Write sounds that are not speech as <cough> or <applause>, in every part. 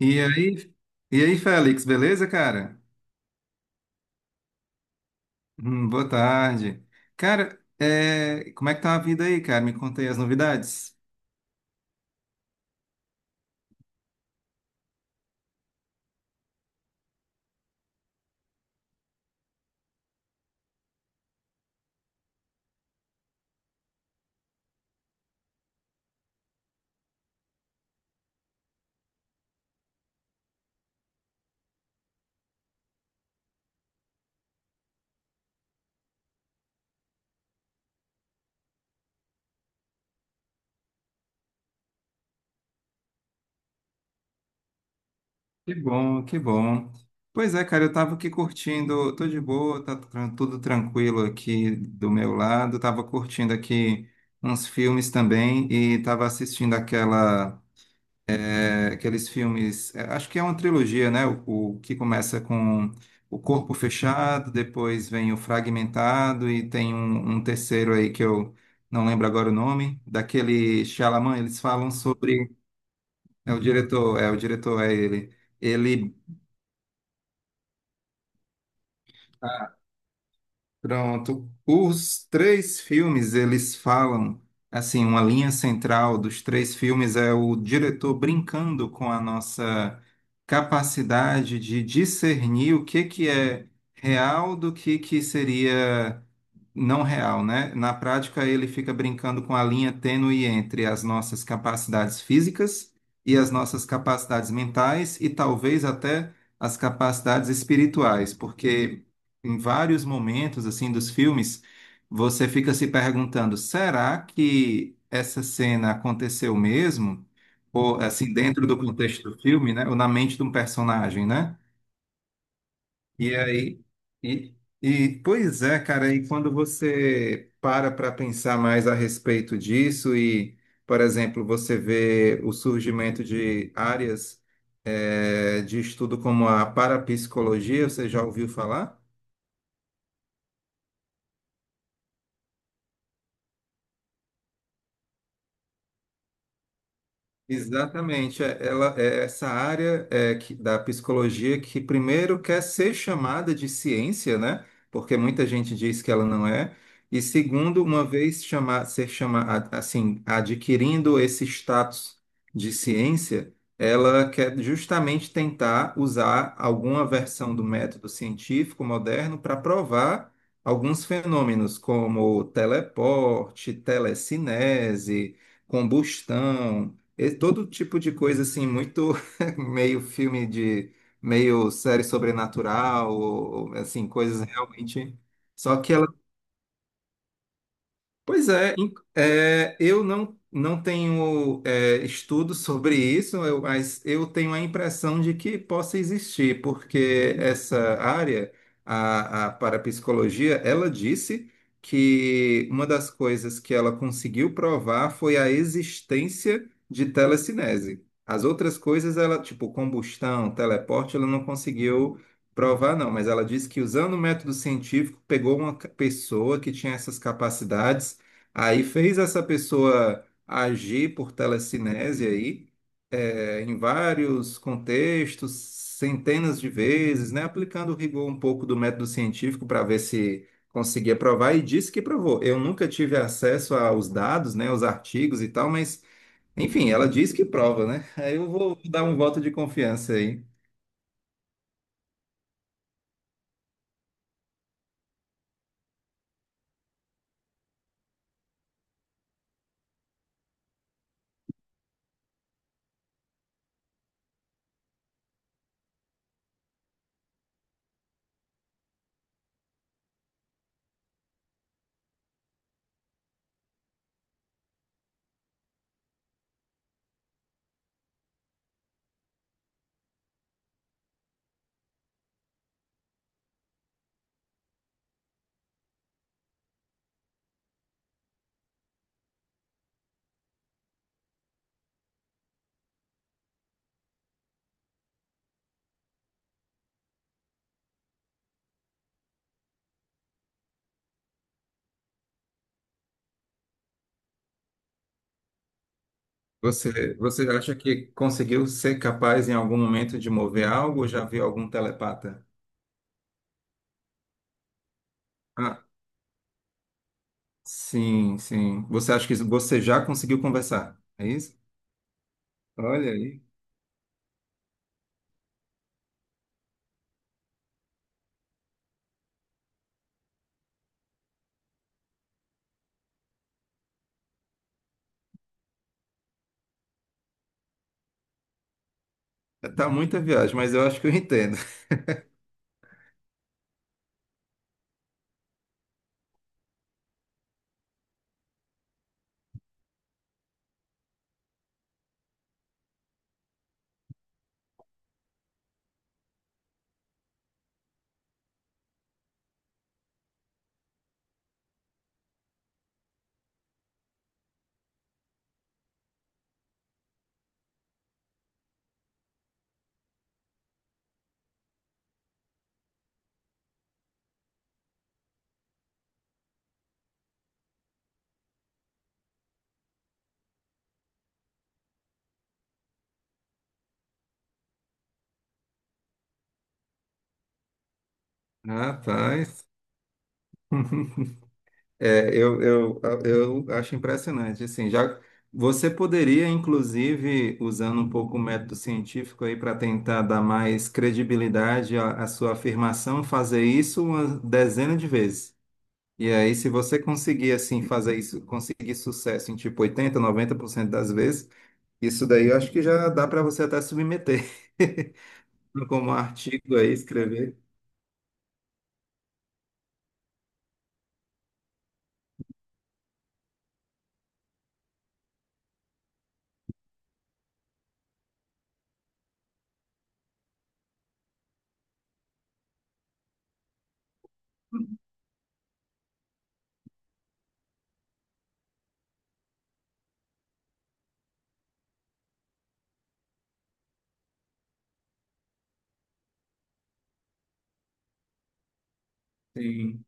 E aí, Félix, beleza, cara? Boa tarde. Cara, como é que tá a vida aí, cara? Me conta aí as novidades. Que bom, que bom. Pois é, cara, eu tava aqui curtindo, tô de boa, tudo tranquilo aqui do meu lado. Tava curtindo aqui uns filmes também e tava assistindo aqueles filmes, acho que é uma trilogia, né? O que começa com o corpo fechado, depois vem o fragmentado e tem um terceiro aí que eu não lembro agora o nome, daquele Shyamalan, eles falam é o diretor, é ele. Ele Pronto. Os três filmes, eles falam, assim, uma linha central dos três filmes é o diretor brincando com a nossa capacidade de discernir o que que é real do que seria não real, né? Na prática, ele fica brincando com a linha tênue entre as nossas capacidades físicas e as nossas capacidades mentais e talvez até as capacidades espirituais, porque em vários momentos assim dos filmes, você fica se perguntando, será que essa cena aconteceu mesmo? Ou assim, dentro do contexto do filme, né? Ou na mente de um personagem, né? E aí, e, e pois é, cara, e quando você para para pensar mais a respeito disso e, por exemplo, você vê o surgimento de áreas de estudo como a parapsicologia, você já ouviu falar? Exatamente, ela é essa área da psicologia que primeiro quer ser chamada de ciência, né? Porque muita gente diz que ela não é. E segundo, uma vez chamar, ser chamada, assim, adquirindo esse status de ciência, ela quer justamente tentar usar alguma versão do método científico moderno para provar alguns fenômenos como teleporte, telecinese, combustão. E todo tipo de coisa assim, muito <laughs> meio filme de meio série sobrenatural, ou, assim, coisas realmente. Só que Pois é, eu não tenho estudos <laughs> sobre isso, mas eu tenho a impressão de que possa existir, porque essa área, a parapsicologia, ela disse que uma das coisas que ela conseguiu provar foi a existência de telecinese. As outras coisas, ela, tipo combustão, teleporte, ela não conseguiu provar, não, mas ela disse que usando o método científico, pegou pessoa que tinha essas capacidades. Aí fez essa pessoa agir por telecinese aí, em vários contextos, centenas de vezes, né? Aplicando o rigor um pouco do método científico para ver se conseguia provar e disse que provou. Eu nunca tive acesso aos dados, né, aos artigos e tal, mas enfim, ela diz que prova, né? <laughs> Aí eu vou dar um voto de confiança aí. Você acha que conseguiu ser capaz em algum momento de mover algo ou já viu algum telepata? Ah, sim, sim. Você acha que você já conseguiu conversar? É isso? Olha aí. Tá muita viagem, mas eu acho que eu entendo. <laughs> Rapaz, eu acho impressionante. Assim, já você poderia, inclusive, usando um pouco o método científico aí para tentar dar mais credibilidade à sua afirmação, fazer isso uma dezena de vezes. E aí, se você conseguir assim fazer isso, conseguir sucesso em tipo 80, 90% das vezes, isso daí eu acho que já dá para você até submeter <laughs> como artigo aí, escrever. Sim.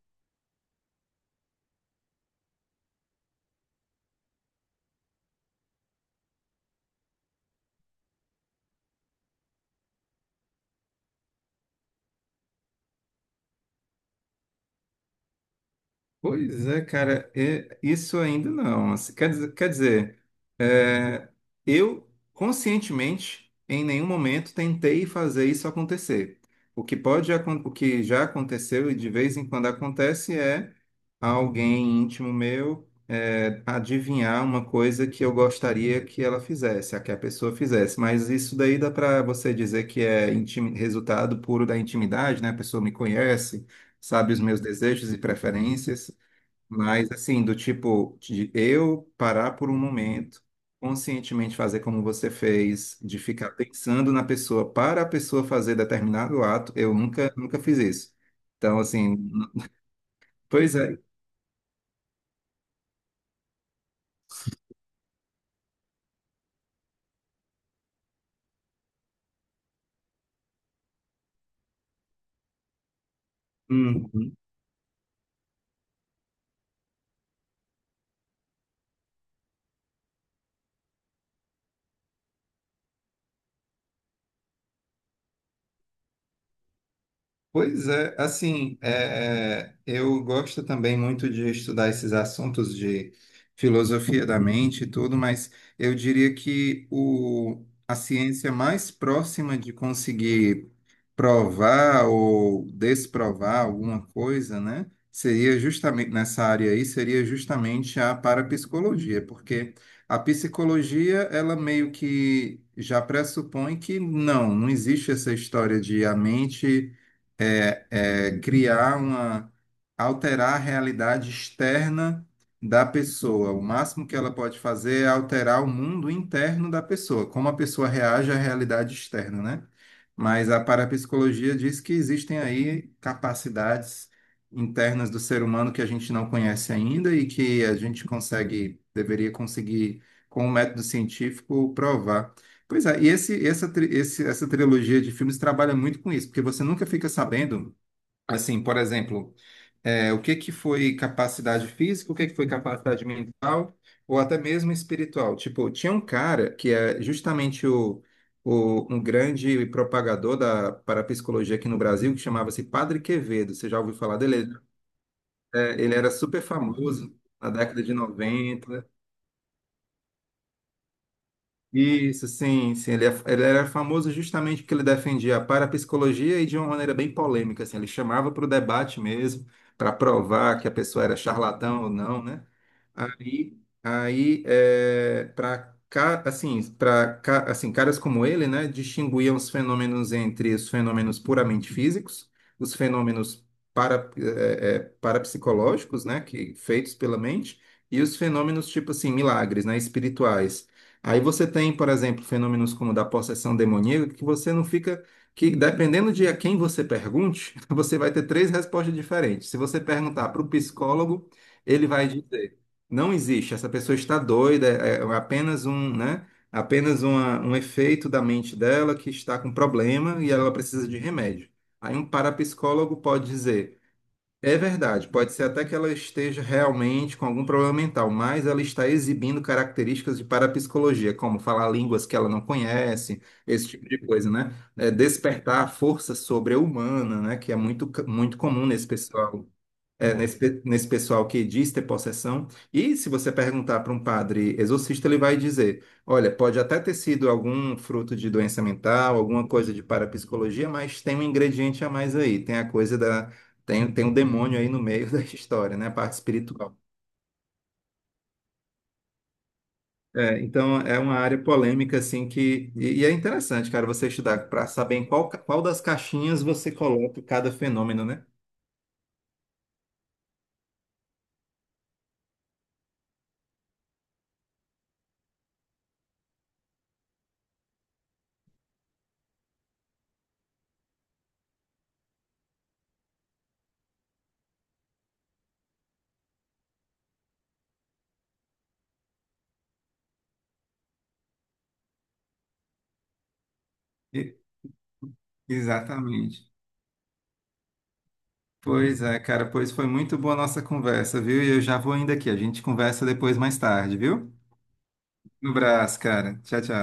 Pois é, cara, é- isso ainda não. Assim, Quer dizer. É, eu, conscientemente, em nenhum momento tentei fazer isso acontecer. O que já aconteceu e de vez em quando acontece é alguém íntimo meu adivinhar uma coisa que eu gostaria que ela fizesse, a que a pessoa fizesse. Mas isso daí dá para você dizer que é resultado puro da intimidade, né? A pessoa me conhece, sabe os meus desejos e preferências. Mas assim, do tipo de eu parar por um momento, conscientemente fazer como você fez, de ficar pensando na pessoa para a pessoa fazer determinado ato, eu nunca, nunca fiz isso. Então, assim, pois é. Uhum. Pois é, assim, eu gosto também muito de estudar esses assuntos de filosofia da mente e tudo, mas eu diria que a ciência mais próxima de conseguir provar ou desprovar alguma coisa, né? Seria justamente nessa área aí, seria justamente a parapsicologia, porque a psicologia, ela meio que já pressupõe que não existe essa história de a mente criar uma, alterar a realidade externa da pessoa. O máximo que ela pode fazer é alterar o mundo interno da pessoa, como a pessoa reage à realidade externa, né? Mas a parapsicologia diz que existem aí capacidades internas do ser humano que a gente não conhece ainda e que a gente consegue, deveria conseguir, com o método científico, provar. Pois é, e esse, essa, tri- esse- essa trilogia de filmes trabalha muito com isso, porque você nunca fica sabendo, assim, por exemplo. É, o que que foi capacidade física, o que que foi capacidade mental, ou até mesmo espiritual. Tipo, tinha um cara que é justamente um grande propagador da parapsicologia aqui no Brasil, que chamava-se Padre Quevedo. Você já ouviu falar dele? Ele era super famoso na década de 90. Isso, sim, sim. Ele era famoso justamente porque ele defendia a parapsicologia e de uma maneira bem polêmica, assim. Ele chamava para o debate mesmo, para provar que a pessoa era charlatão ou não, né? Aí, aí para para assim, caras como ele, né, distinguiam os fenômenos entre os fenômenos puramente físicos, os fenômenos parapsicológicos, né, que feitos pela mente, e os fenômenos tipo assim, milagres, né, espirituais. Aí você tem, por exemplo, fenômenos como o da possessão demoníaca, que você não fica, que dependendo de a quem você pergunte, <laughs> você vai ter três respostas diferentes. Se você perguntar para o psicólogo, ele vai dizer, não existe, essa pessoa está doida, é apenas um, né? Apenas um efeito da mente dela que está com problema e ela precisa de remédio. Aí um parapsicólogo pode dizer é verdade, pode ser até que ela esteja realmente com algum problema mental, mas ela está exibindo características de parapsicologia, como falar línguas que ela não conhece, esse tipo de coisa, né? É, despertar a força sobre-humana, né? Que é muito comum nesse pessoal nesse pessoal que diz ter possessão. E se você perguntar para um padre exorcista, ele vai dizer: olha, pode até ter sido algum fruto de doença mental, alguma coisa de parapsicologia, mas tem um ingrediente a mais aí, tem a coisa da. Tem um demônio aí no meio <laughs> da história, né? A parte espiritual. É, então é uma área polêmica assim que e é interessante, cara, você estudar para saber em qual das caixinhas você coloca cada fenômeno, né? E- Exatamente. Pois é, cara, pois foi muito boa a nossa conversa, viu? E eu já vou indo aqui. A gente conversa depois mais tarde, viu? No braço, cara. Tchau, tchau.